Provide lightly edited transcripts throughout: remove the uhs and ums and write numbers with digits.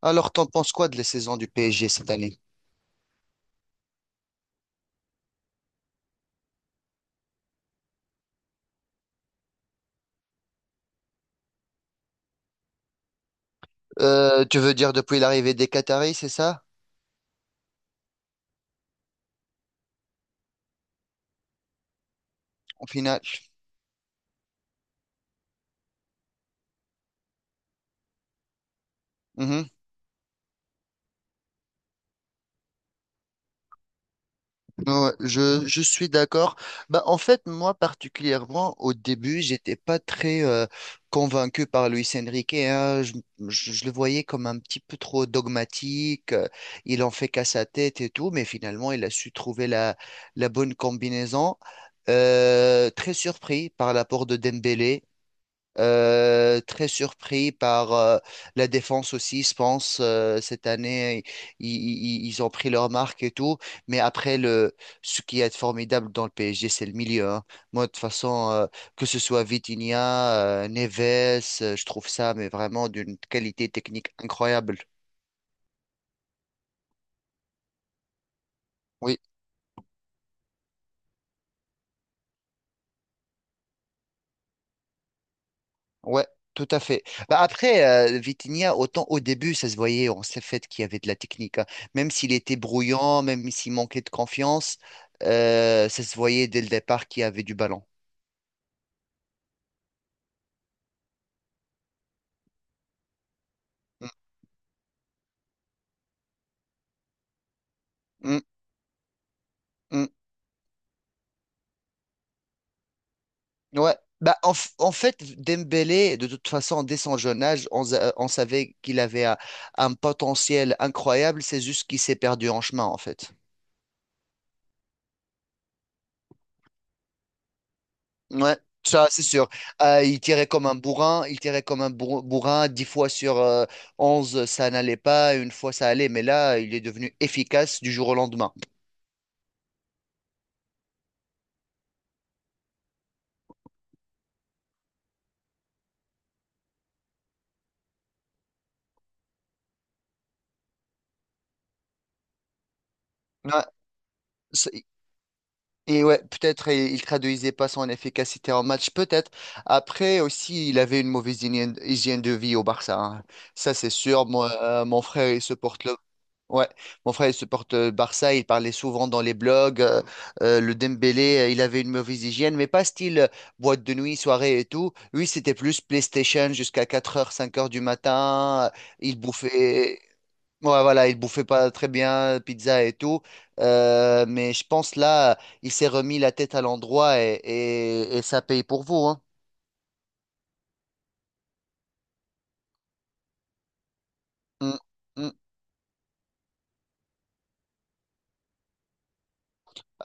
Alors, t'en penses quoi de la saison du PSG cette année? Tu veux dire depuis l'arrivée des Qataris, c'est ça? En finale. Mhm. Ouais, je suis d'accord. Bah, en fait, moi particulièrement, au début, j'étais pas très convaincu par Luis Enrique, hein. Je le voyais comme un petit peu trop dogmatique. Il en fait qu'à sa tête et tout, mais finalement, il a su trouver la bonne combinaison. Très surpris par l'apport de Dembélé. Très surpris par la défense aussi, je pense, cette année, ils ont pris leur marque et tout. Mais après, ce qui est formidable dans le PSG, c'est le milieu, hein. Moi, de toute façon, que ce soit Vitinha, Neves, je trouve ça, mais vraiment d'une qualité technique incroyable. Oui. Ouais, tout à fait. Bah après, Vitinha, autant au début, ça se voyait, on s'est fait qu'il y avait de la technique, hein. Même s'il était brouillant, même s'il manquait de confiance, ça se voyait dès le départ qu'il y avait du ballon. Mm, mm, mm. Ouais. Bah, en fait, Dembélé, de toute façon, dès son jeune âge, on savait qu'il avait un potentiel incroyable. C'est juste qu'il s'est perdu en chemin, en fait. Ouais, ça c'est sûr. Il tirait comme un bourrin, il tirait comme un bourrin, 10 fois sur 11 ça n'allait pas, une fois ça allait, mais là il est devenu efficace du jour au lendemain. Ouais, c'est- et ouais, peut-être il traduisait pas son efficacité en match, peut-être. Après aussi, il avait une mauvaise hygiène, hygiène de vie au Barça, hein. Ça c'est sûr. Moi, mon frère il supporte le. Ouais, mon frère, il supporte Barça, il parlait souvent dans les blogs, le Dembélé, il avait une mauvaise hygiène, mais pas style boîte de nuit, soirée et tout. Lui, c'était plus PlayStation jusqu'à 4 heures, 5 heures du matin, il bouffait, ouais, voilà, il bouffait pas très bien, pizza et tout. Mais je pense là, il s'est remis la tête à l'endroit et ça paye pour vous, hein. Mm, mm.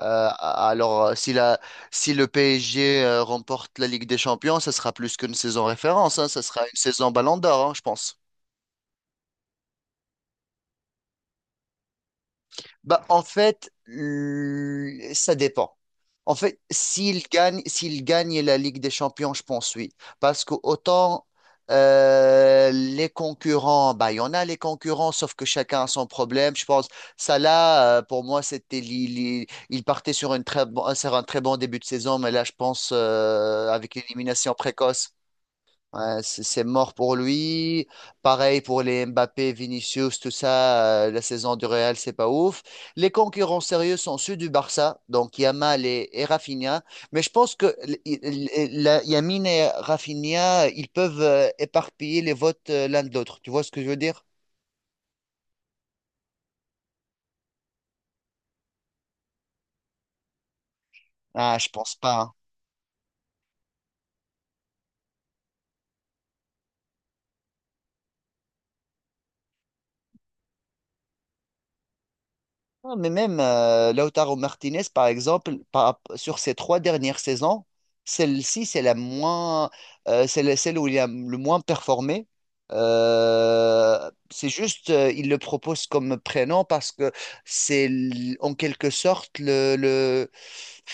Alors, si le PSG remporte la Ligue des Champions, ça sera plus qu'une saison référence, hein, ça sera une saison Ballon d'Or, hein, je pense. Bah, en fait, ça dépend. En fait, s'il gagne la Ligue des Champions, je pense oui. Parce que autant les concurrents, bah, il y en a les concurrents, sauf que chacun a son problème. Je pense, Salah, pour moi, c'était, il partait sur un très bon début de saison, mais là, je pense, avec l'élimination précoce. Ouais, c'est mort pour lui. Pareil pour les Mbappé, Vinicius, tout ça. La saison du Real, c'est pas ouf. Les concurrents sérieux sont ceux du Barça, donc Yamal et Rafinha. Mais je pense que Yamin et Rafinha, ils peuvent éparpiller les votes l'un de l'autre. Tu vois ce que je veux dire? Ah, je pense pas, hein. Ah, mais même Lautaro Martinez, par exemple, sur ses trois dernières saisons, celle-ci, c'est la moins, celle où il a le moins performé. C'est juste, il le propose comme prénom parce que c'est en quelque sorte le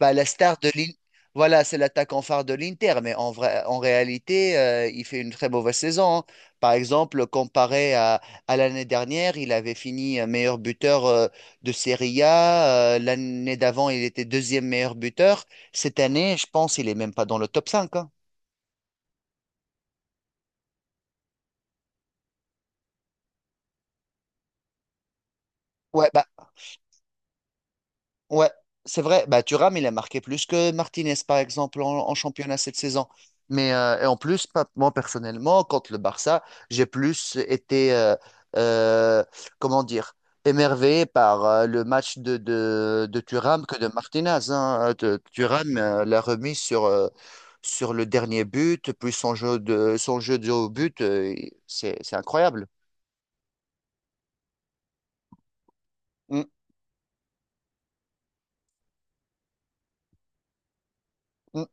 bah, la star de l'Inter. Voilà, c'est l'attaquant phare de l'Inter, mais en vrai, en réalité, il fait une très mauvaise saison, hein. Par exemple, comparé à l'année dernière, il avait fini meilleur buteur de Serie A. L'année d'avant, il était deuxième meilleur buteur. Cette année, je pense, il est même pas dans le top 5, hein. Ouais, ouais, c'est vrai. Bah, Thuram, il a marqué plus que Martinez, par exemple, en championnat cette saison. Mais et en plus, moi personnellement, contre le Barça, j'ai plus été, euh, comment dire, émerveillé par le match de Thuram que de Martinez, hein. Thuram l'a remis sur le dernier but, puis son jeu de haut but, c'est incroyable. Mm, mm. Euh,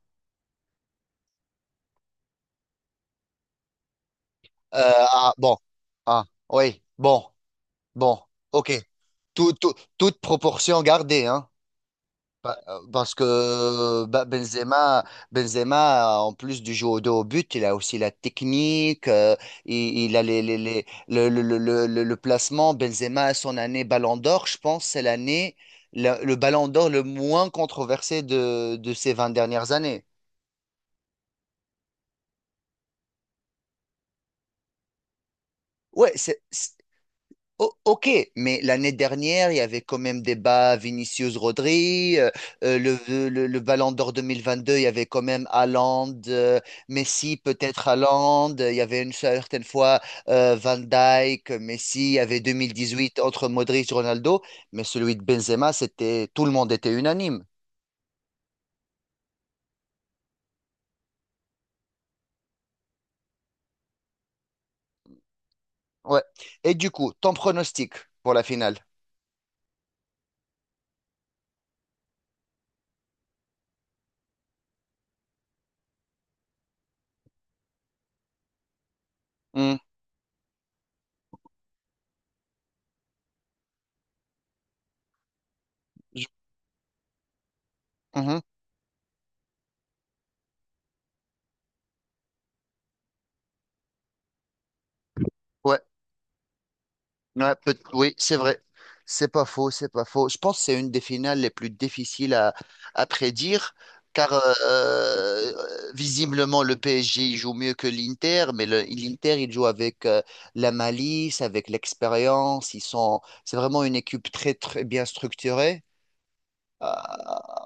ah, bon. Ah, oui, bon, bon, ok. Toute proportion gardée, hein. Parce que bah, Benzema, en plus du jeu au dos au but, il a aussi la technique, il a le placement. Benzema, son année Ballon d'Or, je pense, c'est l'année, Ballon d'Or le moins controversé de ces 20 dernières années. Ouais, ok, mais l'année dernière, il y avait quand même débat Vinicius-Rodri, euh, le, le Ballon d'Or 2022, il y avait quand même Haaland, Messi, peut-être Haaland, il y avait une certaine fois Van Dijk, Messi, il y avait 2018 entre Modric, Ronaldo, mais celui de Benzema, c'était, tout le monde était unanime. Ouais. Et du coup, ton pronostic pour la finale? Hmm. Je- mhm. Ouais. Ouais, oui, c'est vrai. C'est pas faux, c'est pas faux. Je pense que c'est une des finales les plus difficiles à prédire, car visiblement le PSG il joue mieux que l'Inter, mais l'Inter il joue avec la malice, avec l'expérience. Ils sont, c'est vraiment une équipe très très bien structurée. Euh,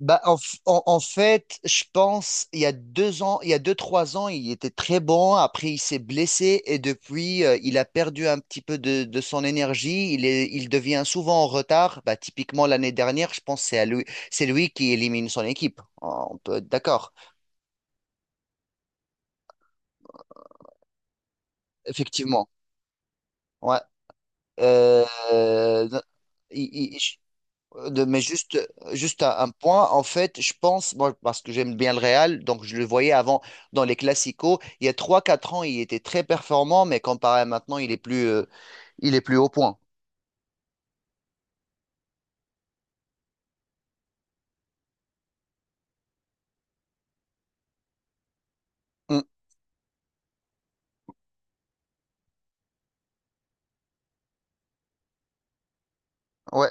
Bah, en fait, je pense, il y a 2 ans, il y a 2, 3 ans, il était très bon. Après, il s'est blessé et depuis, il a perdu un petit peu de son énergie. Il devient souvent en retard. Bah, typiquement, l'année dernière, je pense que c'est à lui, c'est lui qui élimine son équipe. Ah, on peut être d'accord. Effectivement. Ouais. Euh, il- il- mais juste un point, en fait, je pense, moi, parce que j'aime bien le Real, donc je le voyais avant dans les Classicos, il y a trois quatre ans, il était très performant, mais comparé à maintenant, il est plus au point. Mm, ouais,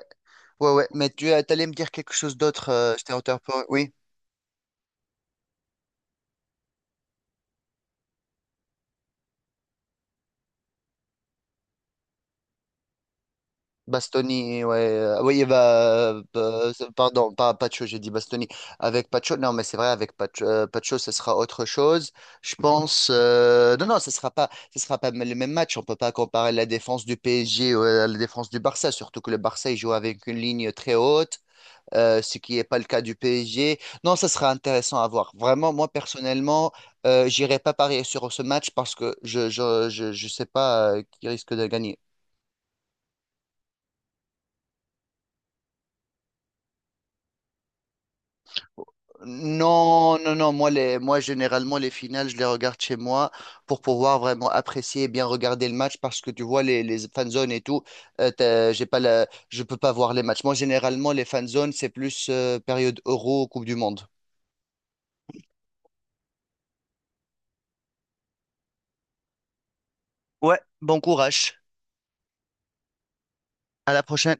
ouais, ouais, mais tu t'allais me dire quelque chose d'autre, j'étais en retard. Oui. Bastoni, ouais. Oui, bah, pardon, pas Pacho, j'ai dit Bastoni. Avec Pacho, non, mais c'est vrai, avec Pacho, Pacho, ce sera autre chose. Je pense, non, non, ce sera pas, le même match. On peut pas comparer la défense du PSG à la défense du Barça, surtout que le Barça, il joue avec une ligne très haute, ce qui n'est pas le cas du PSG. Non, ça sera intéressant à voir. Vraiment, moi, personnellement, j'irai pas parier sur ce match parce que je sais pas qui risque de gagner. Non, non, non, moi, moi, généralement, les finales, je les regarde chez moi pour pouvoir vraiment apprécier et bien regarder le match parce que tu vois, les fan zones et tout, j'ai pas je peux pas voir les matchs. Moi, généralement, les fan zones, c'est plus période Euro, Coupe du Monde. Ouais, bon courage. À la prochaine.